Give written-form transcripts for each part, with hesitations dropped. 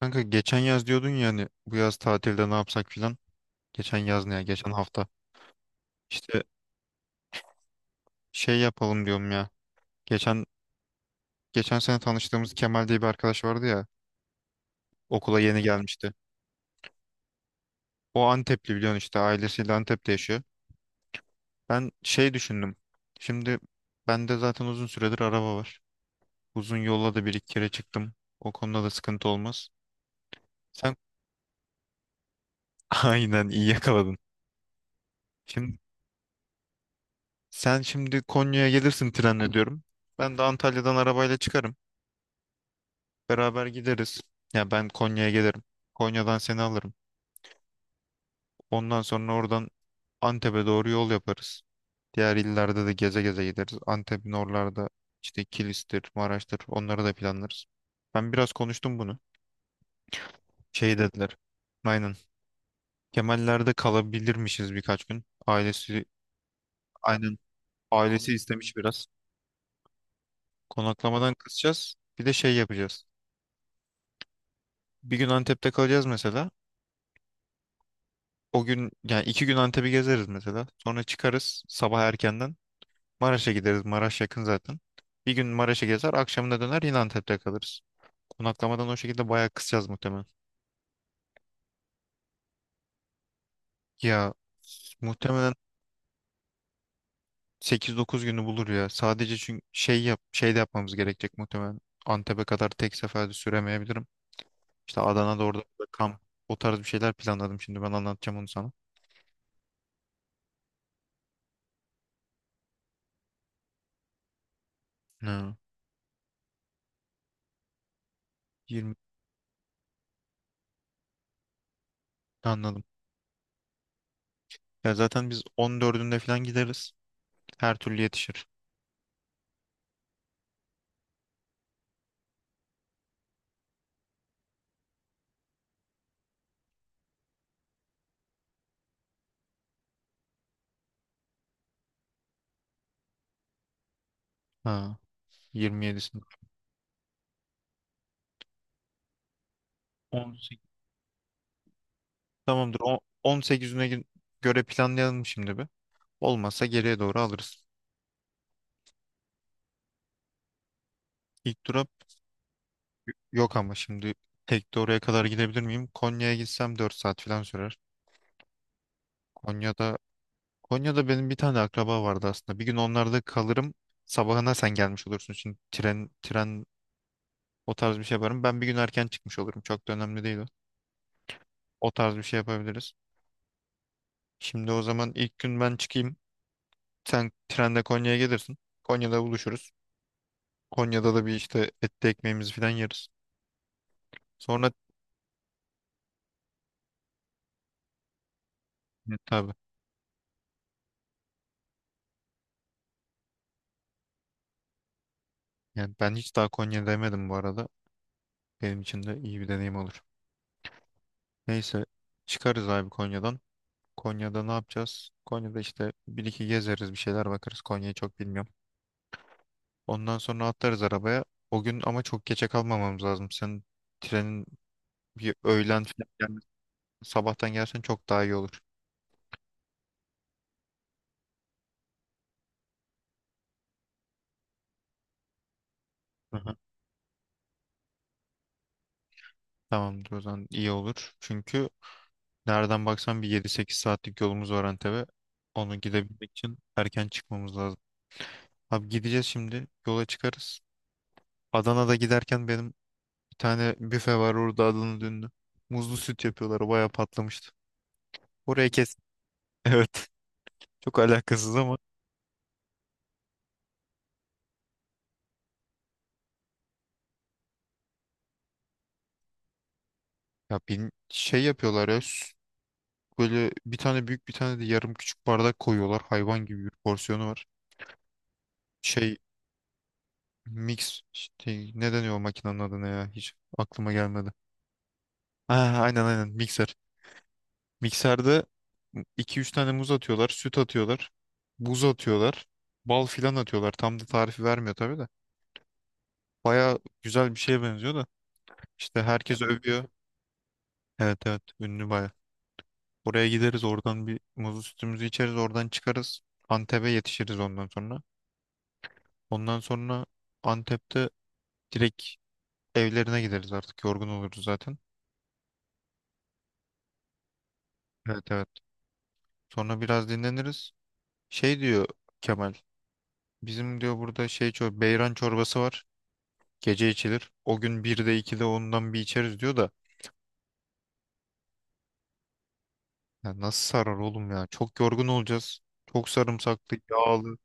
Kanka geçen yaz diyordun ya hani bu yaz tatilde ne yapsak filan. Geçen yaz ne ya? Geçen hafta. İşte şey yapalım diyorum ya. Geçen geçen sene tanıştığımız Kemal diye bir arkadaş vardı ya. Okula yeni gelmişti. O Antepli biliyorsun, işte ailesiyle Antep'te yaşıyor. Ben şey düşündüm. Şimdi bende zaten uzun süredir araba var. Uzun yolla da bir iki kere çıktım. O konuda da sıkıntı olmaz. Sen aynen, iyi yakaladın. Şimdi sen şimdi Konya'ya gelirsin trenle diyorum. Ben de Antalya'dan arabayla çıkarım. Beraber gideriz. Ya ben Konya'ya gelirim. Konya'dan seni alırım. Ondan sonra oradan Antep'e doğru yol yaparız. Diğer illerde de geze geze gideriz. Antep'in oralarda işte Kilis'tir, Maraş'tır, onları da planlarız. Ben biraz konuştum bunu. Şey dediler. Aynen. Kemaller'de kalabilirmişiz birkaç gün. Aynen, ailesi istemiş biraz. Konaklamadan kısacağız. Bir de şey yapacağız. Bir gün Antep'te kalacağız mesela. O gün, yani 2 gün Antep'i gezeriz mesela. Sonra çıkarız sabah erkenden. Maraş'a gideriz. Maraş yakın zaten. Bir gün Maraş'a gezer, akşamına döner yine Antep'te kalırız. Konaklamadan o şekilde bayağı kısacağız muhtemelen. Ya, muhtemelen 8-9 günü bulur ya. Sadece, çünkü şey de yapmamız gerekecek muhtemelen. Antep'e kadar tek seferde süremeyebilirim. İşte Adana'da, orada burada kamp, o tarz bir şeyler planladım şimdi, ben anlatacağım onu sana. Ha, 20, anladım. Ya zaten biz 14'ünde falan gideriz. Her türlü yetişir. Ha, 27'sinde. Tamamdır. 18'ine göre planlayalım şimdi bir. Olmazsa geriye doğru alırız. İlk durak yok, ama şimdi tek de oraya kadar gidebilir miyim? Konya'ya gitsem 4 saat falan sürer. Konya'da Konya'da benim bir tane akraba vardı aslında. Bir gün onlarda kalırım. Sabahına sen gelmiş olursun. Şimdi tren o tarz bir şey yaparım. Ben bir gün erken çıkmış olurum. Çok da önemli değil o. O tarz bir şey yapabiliriz. Şimdi o zaman ilk gün ben çıkayım. Sen trende Konya'ya gelirsin. Konya'da buluşuruz. Konya'da da bir işte etli ekmeğimizi falan yeriz. Sonra ne tabii. Yani ben hiç daha Konya demedim bu arada. Benim için de iyi bir deneyim olur. Neyse, çıkarız abi Konya'dan. Konya'da ne yapacağız? Konya'da işte bir iki gezeriz, bir şeyler bakarız. Konya'yı çok bilmiyorum. Ondan sonra atlarız arabaya. O gün ama çok geçe kalmamamız lazım. Senin trenin bir öğlen falan gelmesi- sabahtan gelsen çok daha iyi olur. Hı hı. Tamamdır, o zaman iyi olur. Çünkü nereden baksan bir 7-8 saatlik yolumuz var Antep'e. Onu gidebilmek için erken çıkmamız lazım. Abi gideceğiz şimdi. Yola çıkarız. Adana'da giderken benim bir tane büfe var orada, Adana dönünü. Muzlu süt yapıyorlar. Bayağı patlamıştı. Oraya kes. Evet. Çok alakasız ama. Ya bir şey yapıyorlar ya. Böyle bir tane büyük, bir tane de yarım küçük bardak koyuyorlar. Hayvan gibi bir porsiyonu var. Şey, mix. Şey, ne deniyor o makinenin adı ya? Hiç aklıma gelmedi. Ha, aynen aynen, mikser. Mikserde 2-3 tane muz atıyorlar, süt atıyorlar, buz atıyorlar, bal filan atıyorlar. Tam da tarifi vermiyor tabii de. Baya güzel bir şeye benziyor da. İşte herkes övüyor. Evet evet, ünlü baya. Oraya gideriz, oradan bir muzlu sütümüzü içeriz, oradan çıkarız. Antep'e yetişiriz ondan sonra. Ondan sonra Antep'te direkt evlerine gideriz, artık yorgun oluruz zaten. Evet evet. Sonra biraz dinleniriz. Şey diyor Kemal. Bizim diyor burada şey, çor beyran çorbası var. Gece içilir. O gün 1'de 2'de ondan bir içeriz diyor da. Ya nasıl sarar oğlum ya? Çok yorgun olacağız. Çok sarımsaklı, yağlı.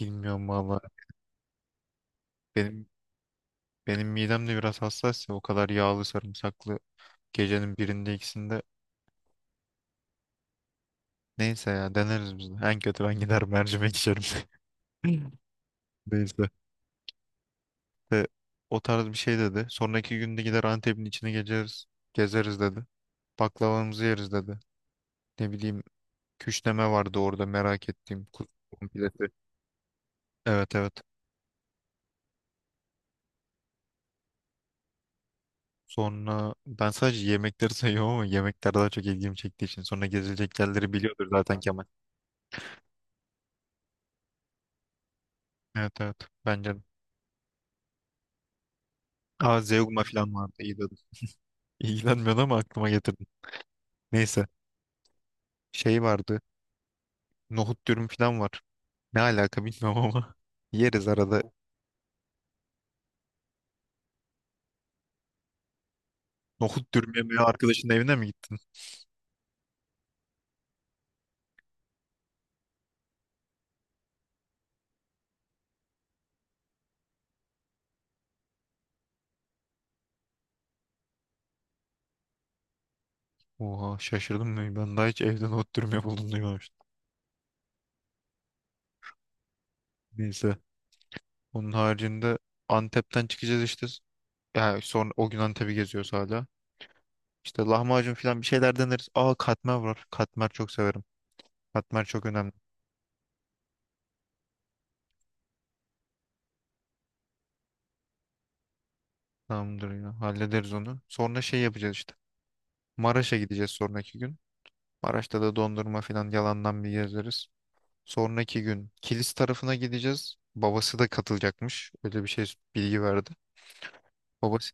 Bilmiyorum valla. Benim benim midem de biraz hassas ya. O kadar yağlı, sarımsaklı, gecenin birinde ikisinde. Neyse ya, deneriz biz de. En kötü ben gider mercimek içerim. Neyse. E, O tarz bir şey dedi. Sonraki günde gider Antep'in içine gezeriz. Gezeriz dedi. Baklavamızı yeriz dedi. Ne bileyim, küşleme vardı orada merak ettiğim. Kuzu omleti. Evet evet. Sonra ben sadece yemekleri sayıyorum ama, yemekler daha çok ilgimi çektiği için. Sonra gezilecek yerleri biliyordur zaten Kemal. Evet evet, bence de. Aa, Zeugma falan vardı, iyi dedim. İlgilenmiyordu ama aklıma getirdim. Neyse, şey vardı. Nohut dürüm falan var. Ne alaka bilmiyorum ama. Yeriz arada. Nohut dürüm yemeye arkadaşın evine mi gittin? Oha, şaşırdım ben. Ben daha hiç evde nohut dürüm yapıldığını duymamıştım. Neyse. Onun haricinde Antep'ten çıkacağız işte. Yani sonra, o gün Antep'i geziyoruz hala. İşte lahmacun falan, bir şeyler deneriz. Aa, katmer var. Katmer çok severim. Katmer çok önemli. Tamamdır ya. Hallederiz onu. Sonra şey yapacağız işte. Maraş'a gideceğiz sonraki gün. Maraş'ta da dondurma falan yalandan bir gezeriz. Sonraki gün Kilis tarafına gideceğiz. Babası da katılacakmış. Öyle bir şey bilgi verdi. Babası,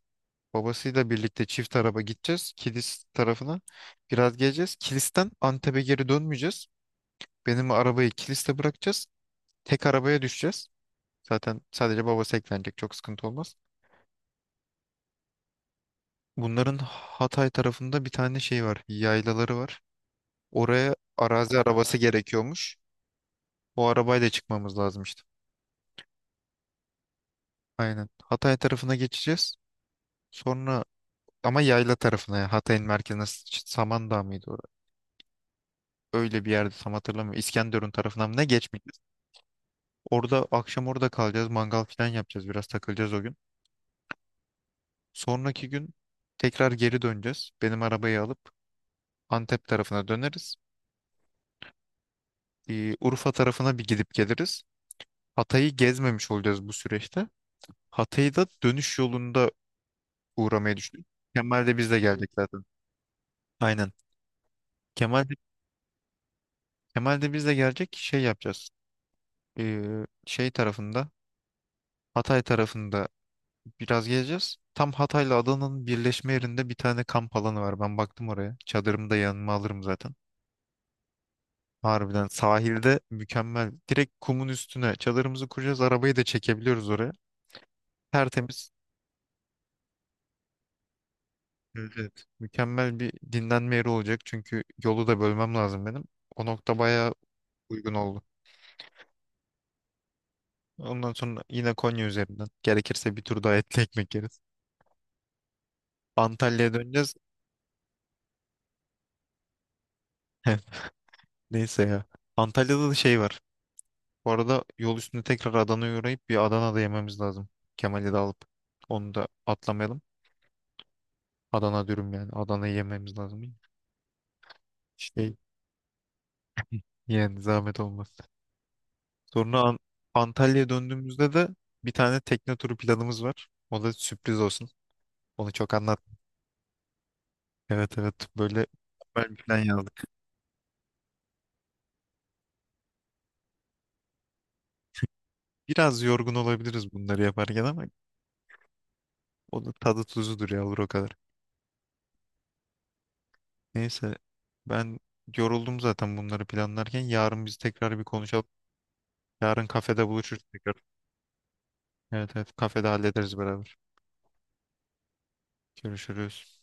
Babasıyla birlikte çift araba gideceğiz. Kilis tarafına biraz geleceğiz. Kilis'ten Antep'e geri dönmeyeceğiz. Benim arabayı Kilis'te bırakacağız. Tek arabaya düşeceğiz. Zaten sadece babası eklenecek. Çok sıkıntı olmaz. Bunların Hatay tarafında bir tane şey var. Yaylaları var. Oraya arazi arabası gerekiyormuş. O arabayla çıkmamız lazım işte. Aynen. Hatay tarafına geçeceğiz. Sonra ama yayla tarafına, yani Hatay'ın merkezine Samandağ mıydı orası? Öyle bir yerde, tam hatırlamıyorum. İskenderun tarafına mı ne geçmeyeceğiz. Orada akşam orada kalacağız. Mangal falan yapacağız. Biraz takılacağız o gün. Sonraki gün tekrar geri döneceğiz. Benim arabayı alıp Antep tarafına döneriz. Urfa tarafına bir gidip geliriz. Hatay'ı gezmemiş olacağız bu süreçte. Hatay'ı da dönüş yolunda uğramayı düşünüyorum. Kemal de bizle gelecek zaten. Aynen. Kemal de, Kemal de bizle gelecek. Şey yapacağız. E, Şey tarafında, Hatay tarafında biraz gezeceğiz. Tam Hatay'la Adana'nın birleşme yerinde bir tane kamp alanı var. Ben baktım oraya. Çadırımı da yanıma alırım zaten. Harbiden sahilde mükemmel. Direkt kumun üstüne çadırımızı kuracağız. Arabayı da çekebiliyoruz oraya. Tertemiz. Evet, evet. Mükemmel bir dinlenme yeri olacak, çünkü yolu da bölmem lazım benim. O nokta bayağı uygun oldu. Ondan sonra yine Konya üzerinden. Gerekirse bir tur daha etli ekmek yeriz. Antalya'ya döneceğiz. Neyse ya. Antalya'da da şey var. Bu arada yol üstünde tekrar Adana'ya uğrayıp bir Adana'da yememiz lazım. Kemal'i de alıp onu da atlamayalım. Adana dürüm yani. Adana'yı yememiz lazım. Şey, yani zahmet olmaz. Sonra Antalya'ya döndüğümüzde de bir tane tekne turu planımız var. O da sürpriz olsun. Onu çok anlat. Evet evet, böyle mükemmel bir plan yazdık. Biraz yorgun olabiliriz bunları yaparken ama o da tadı tuzudur yavru, o kadar. Neyse, ben yoruldum zaten bunları planlarken. Yarın biz tekrar bir konuşalım. Yarın kafede buluşuruz tekrar. Evet evet, kafede hallederiz beraber. Görüşürüz.